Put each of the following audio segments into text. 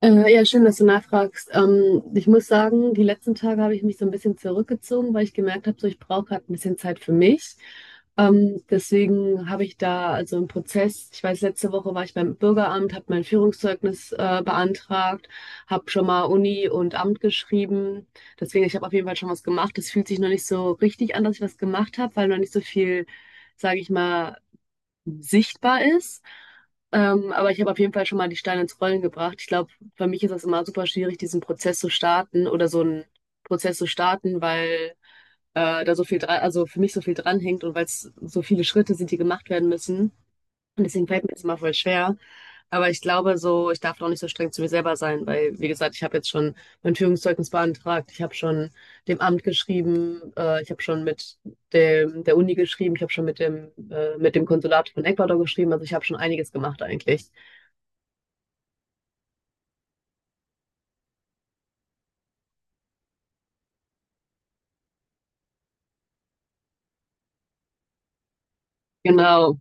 Ja, schön, dass du nachfragst. Ich muss sagen, die letzten Tage habe ich mich so ein bisschen zurückgezogen, weil ich gemerkt habe, so ich brauche gerade ein bisschen Zeit für mich. Deswegen habe ich da also einen Prozess. Ich weiß, letzte Woche war ich beim Bürgeramt, habe mein Führungszeugnis beantragt, habe schon mal Uni und Amt geschrieben. Deswegen, ich habe auf jeden Fall schon was gemacht. Es fühlt sich noch nicht so richtig an, dass ich was gemacht habe, weil noch nicht so viel, sage ich mal, sichtbar ist. Aber ich habe auf jeden Fall schon mal die Steine ins Rollen gebracht. Ich glaube, für mich ist das immer super schwierig, diesen Prozess zu starten oder so einen Prozess zu starten, weil da so viel dran, also für mich so viel dranhängt und weil es so viele Schritte sind, die gemacht werden müssen. Und deswegen fällt mir das immer voll schwer. Aber ich glaube so, ich darf doch nicht so streng zu mir selber sein, weil, wie gesagt, ich habe jetzt schon mein Führungszeugnis beantragt, ich habe schon dem Amt geschrieben, ich habe schon mit dem, der Uni geschrieben, ich habe schon mit dem Konsulat von Ecuador geschrieben. Also ich habe schon einiges gemacht eigentlich. Genau.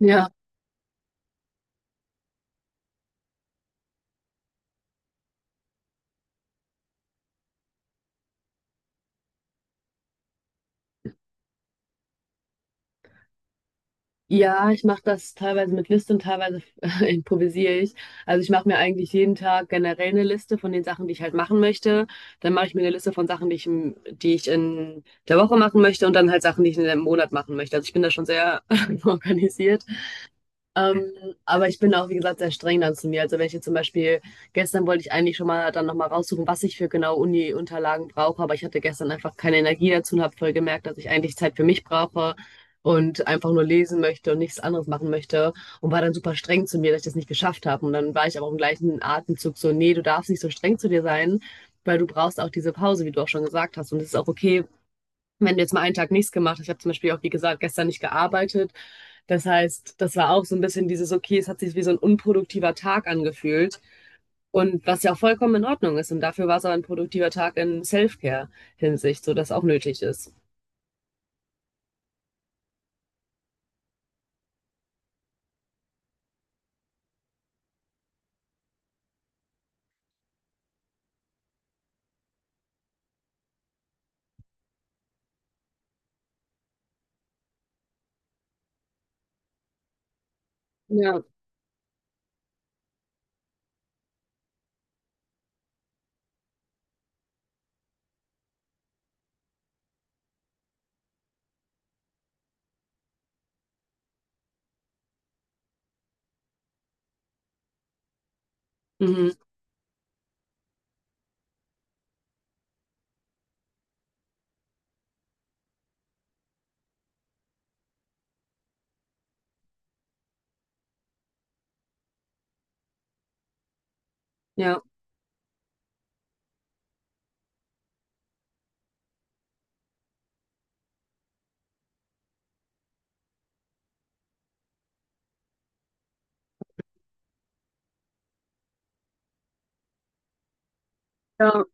Ja. Ja, ich mache das teilweise mit Liste und teilweise improvisiere ich. Also ich mache mir eigentlich jeden Tag generell eine Liste von den Sachen, die ich halt machen möchte. Dann mache ich mir eine Liste von Sachen, die ich, die ich in der Woche machen möchte und dann halt Sachen, die ich in einem Monat machen möchte. Also ich bin da schon sehr organisiert. Ähm, aber ich bin auch, wie gesagt, sehr streng dann zu mir. Also wenn ich jetzt zum Beispiel, gestern wollte ich eigentlich schon mal dann nochmal raussuchen, was ich für genau Uni-Unterlagen brauche, aber ich hatte gestern einfach keine Energie dazu und habe voll gemerkt, dass ich eigentlich Zeit für mich brauche und einfach nur lesen möchte und nichts anderes machen möchte und war dann super streng zu mir, dass ich das nicht geschafft habe. Und dann war ich aber auch im gleichen Atemzug so, nee, du darfst nicht so streng zu dir sein, weil du brauchst auch diese Pause, wie du auch schon gesagt hast. Und es ist auch okay, wenn du jetzt mal einen Tag nichts gemacht hast, ich habe zum Beispiel auch, wie gesagt, gestern nicht gearbeitet. Das heißt, das war auch so ein bisschen dieses, okay, es hat sich wie so ein unproduktiver Tag angefühlt. Und was ja auch vollkommen in Ordnung ist. Und dafür war es aber ein produktiver Tag in Self-Care-Hinsicht, so dass auch nötig ist. Ja. Mhm. Ja. Ja.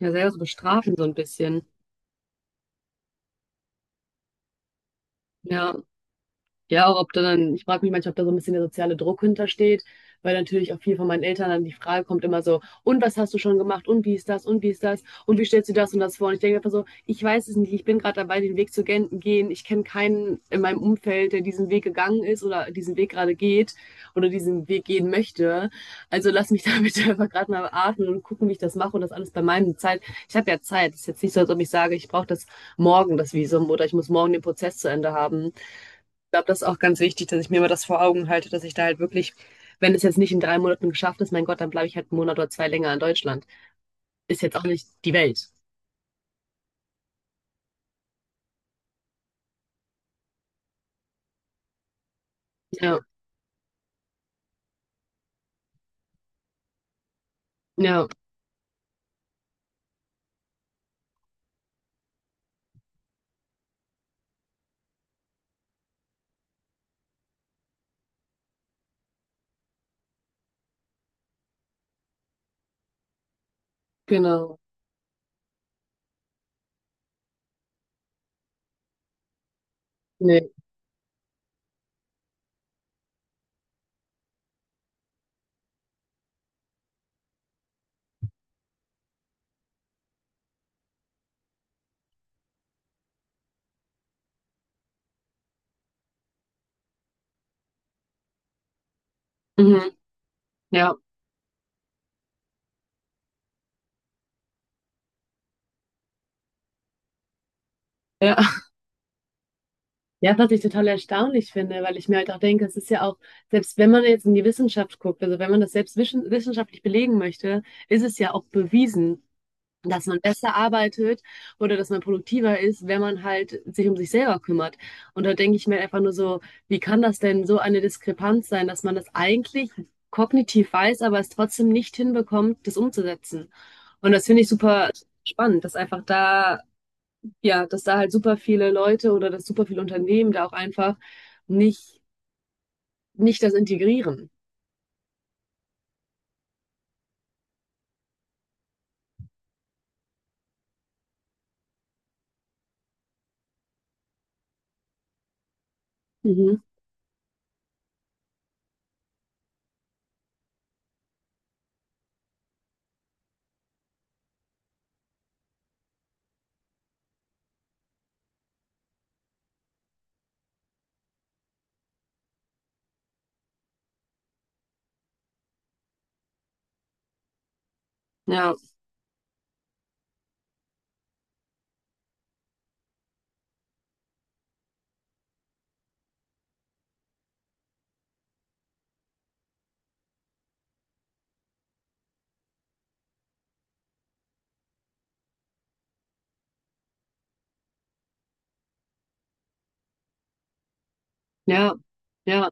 Ja, selber so bestrafen so ein bisschen. Ja. Ja, auch ob da dann, ich frage mich manchmal, ob da so ein bisschen der soziale Druck hintersteht, weil natürlich auch viel von meinen Eltern dann die Frage kommt immer so, und was hast du schon gemacht? Und wie ist das? Und wie ist das? Und wie stellst du das und das vor? Und ich denke einfach so, ich weiß es nicht, ich bin gerade dabei, den Weg zu gehen. Ich kenne keinen in meinem Umfeld, der diesen Weg gegangen ist oder diesen Weg gerade geht oder diesen Weg gehen möchte. Also lass mich da bitte einfach gerade mal atmen und gucken, wie ich das mache und das alles bei meinem Zeit. Ich habe ja Zeit. Es ist jetzt nicht so, als ob ich sage, ich brauche das morgen, das Visum, oder ich muss morgen den Prozess zu Ende haben. Ich glaube, das ist auch ganz wichtig, dass ich mir immer das vor Augen halte, dass ich da halt wirklich, wenn es jetzt nicht in 3 Monaten geschafft ist, mein Gott, dann bleibe ich halt einen Monat oder zwei länger in Deutschland. Ist jetzt auch nicht die Welt. Ja, ja, genau. Nee. Mhm. Ja. Ja. Ja, was ich total erstaunlich finde, weil ich mir halt auch denke, es ist ja auch, selbst wenn man jetzt in die Wissenschaft guckt, also wenn man das selbst wissenschaftlich belegen möchte, ist es ja auch bewiesen, dass man besser arbeitet oder dass man produktiver ist, wenn man halt sich um sich selber kümmert. Und da denke ich mir einfach nur so, wie kann das denn so eine Diskrepanz sein, dass man das eigentlich kognitiv weiß, aber es trotzdem nicht hinbekommt, das umzusetzen. Und das finde ich super spannend, dass einfach da, ja, dass da halt super viele Leute oder dass super viele Unternehmen da auch einfach nicht, nicht das integrieren. Mhm. Ja, ja, ja.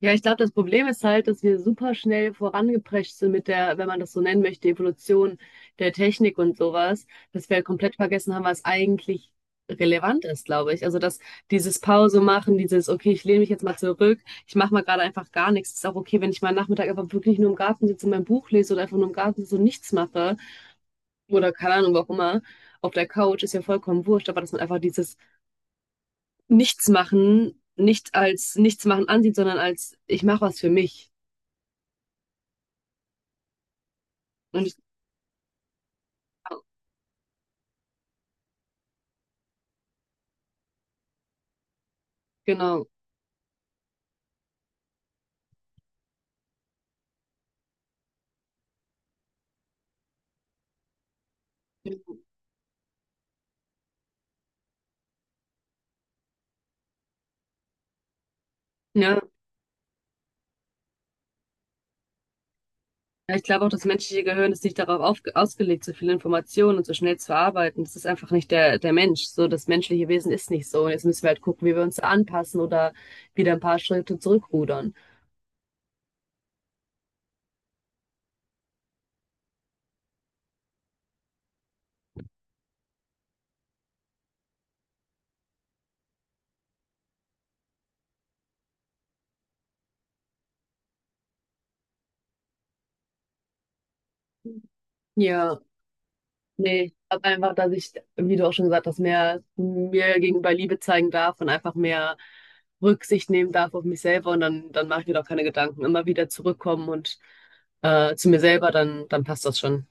Ja, ich glaube, das Problem ist halt, dass wir super schnell vorangeprescht sind mit der, wenn man das so nennen möchte, Evolution der Technik und sowas, dass wir halt komplett vergessen haben, was eigentlich relevant ist, glaube ich. Also, dass dieses Pause machen, dieses, okay, ich lehne mich jetzt mal zurück, ich mache mal gerade einfach gar nichts. Ist auch okay, wenn ich mal Nachmittag einfach wirklich nur im Garten sitze und mein Buch lese oder einfach nur im Garten sitze und nichts mache oder keine Ahnung, wo auch immer, auf der Couch ist ja vollkommen wurscht, aber dass man einfach dieses Nichtsmachen nicht als Nichtsmachen ansieht, sondern als ich mache was für mich. Und genau, ja. Ja, ich glaube auch, das menschliche Gehirn ist nicht darauf ausgelegt, so viele Informationen und so schnell zu verarbeiten. Das ist einfach nicht der Mensch. So, das menschliche Wesen ist nicht so. Und jetzt müssen wir halt gucken, wie wir uns anpassen oder wieder ein paar Schritte zurückrudern. Ja, nee, ich glaube einfach, dass ich, wie du auch schon gesagt hast, mehr mir gegenüber Liebe zeigen darf und einfach mehr Rücksicht nehmen darf auf mich selber und dann mache ich mir doch keine Gedanken. Immer wieder zurückkommen und zu mir selber, dann passt das schon.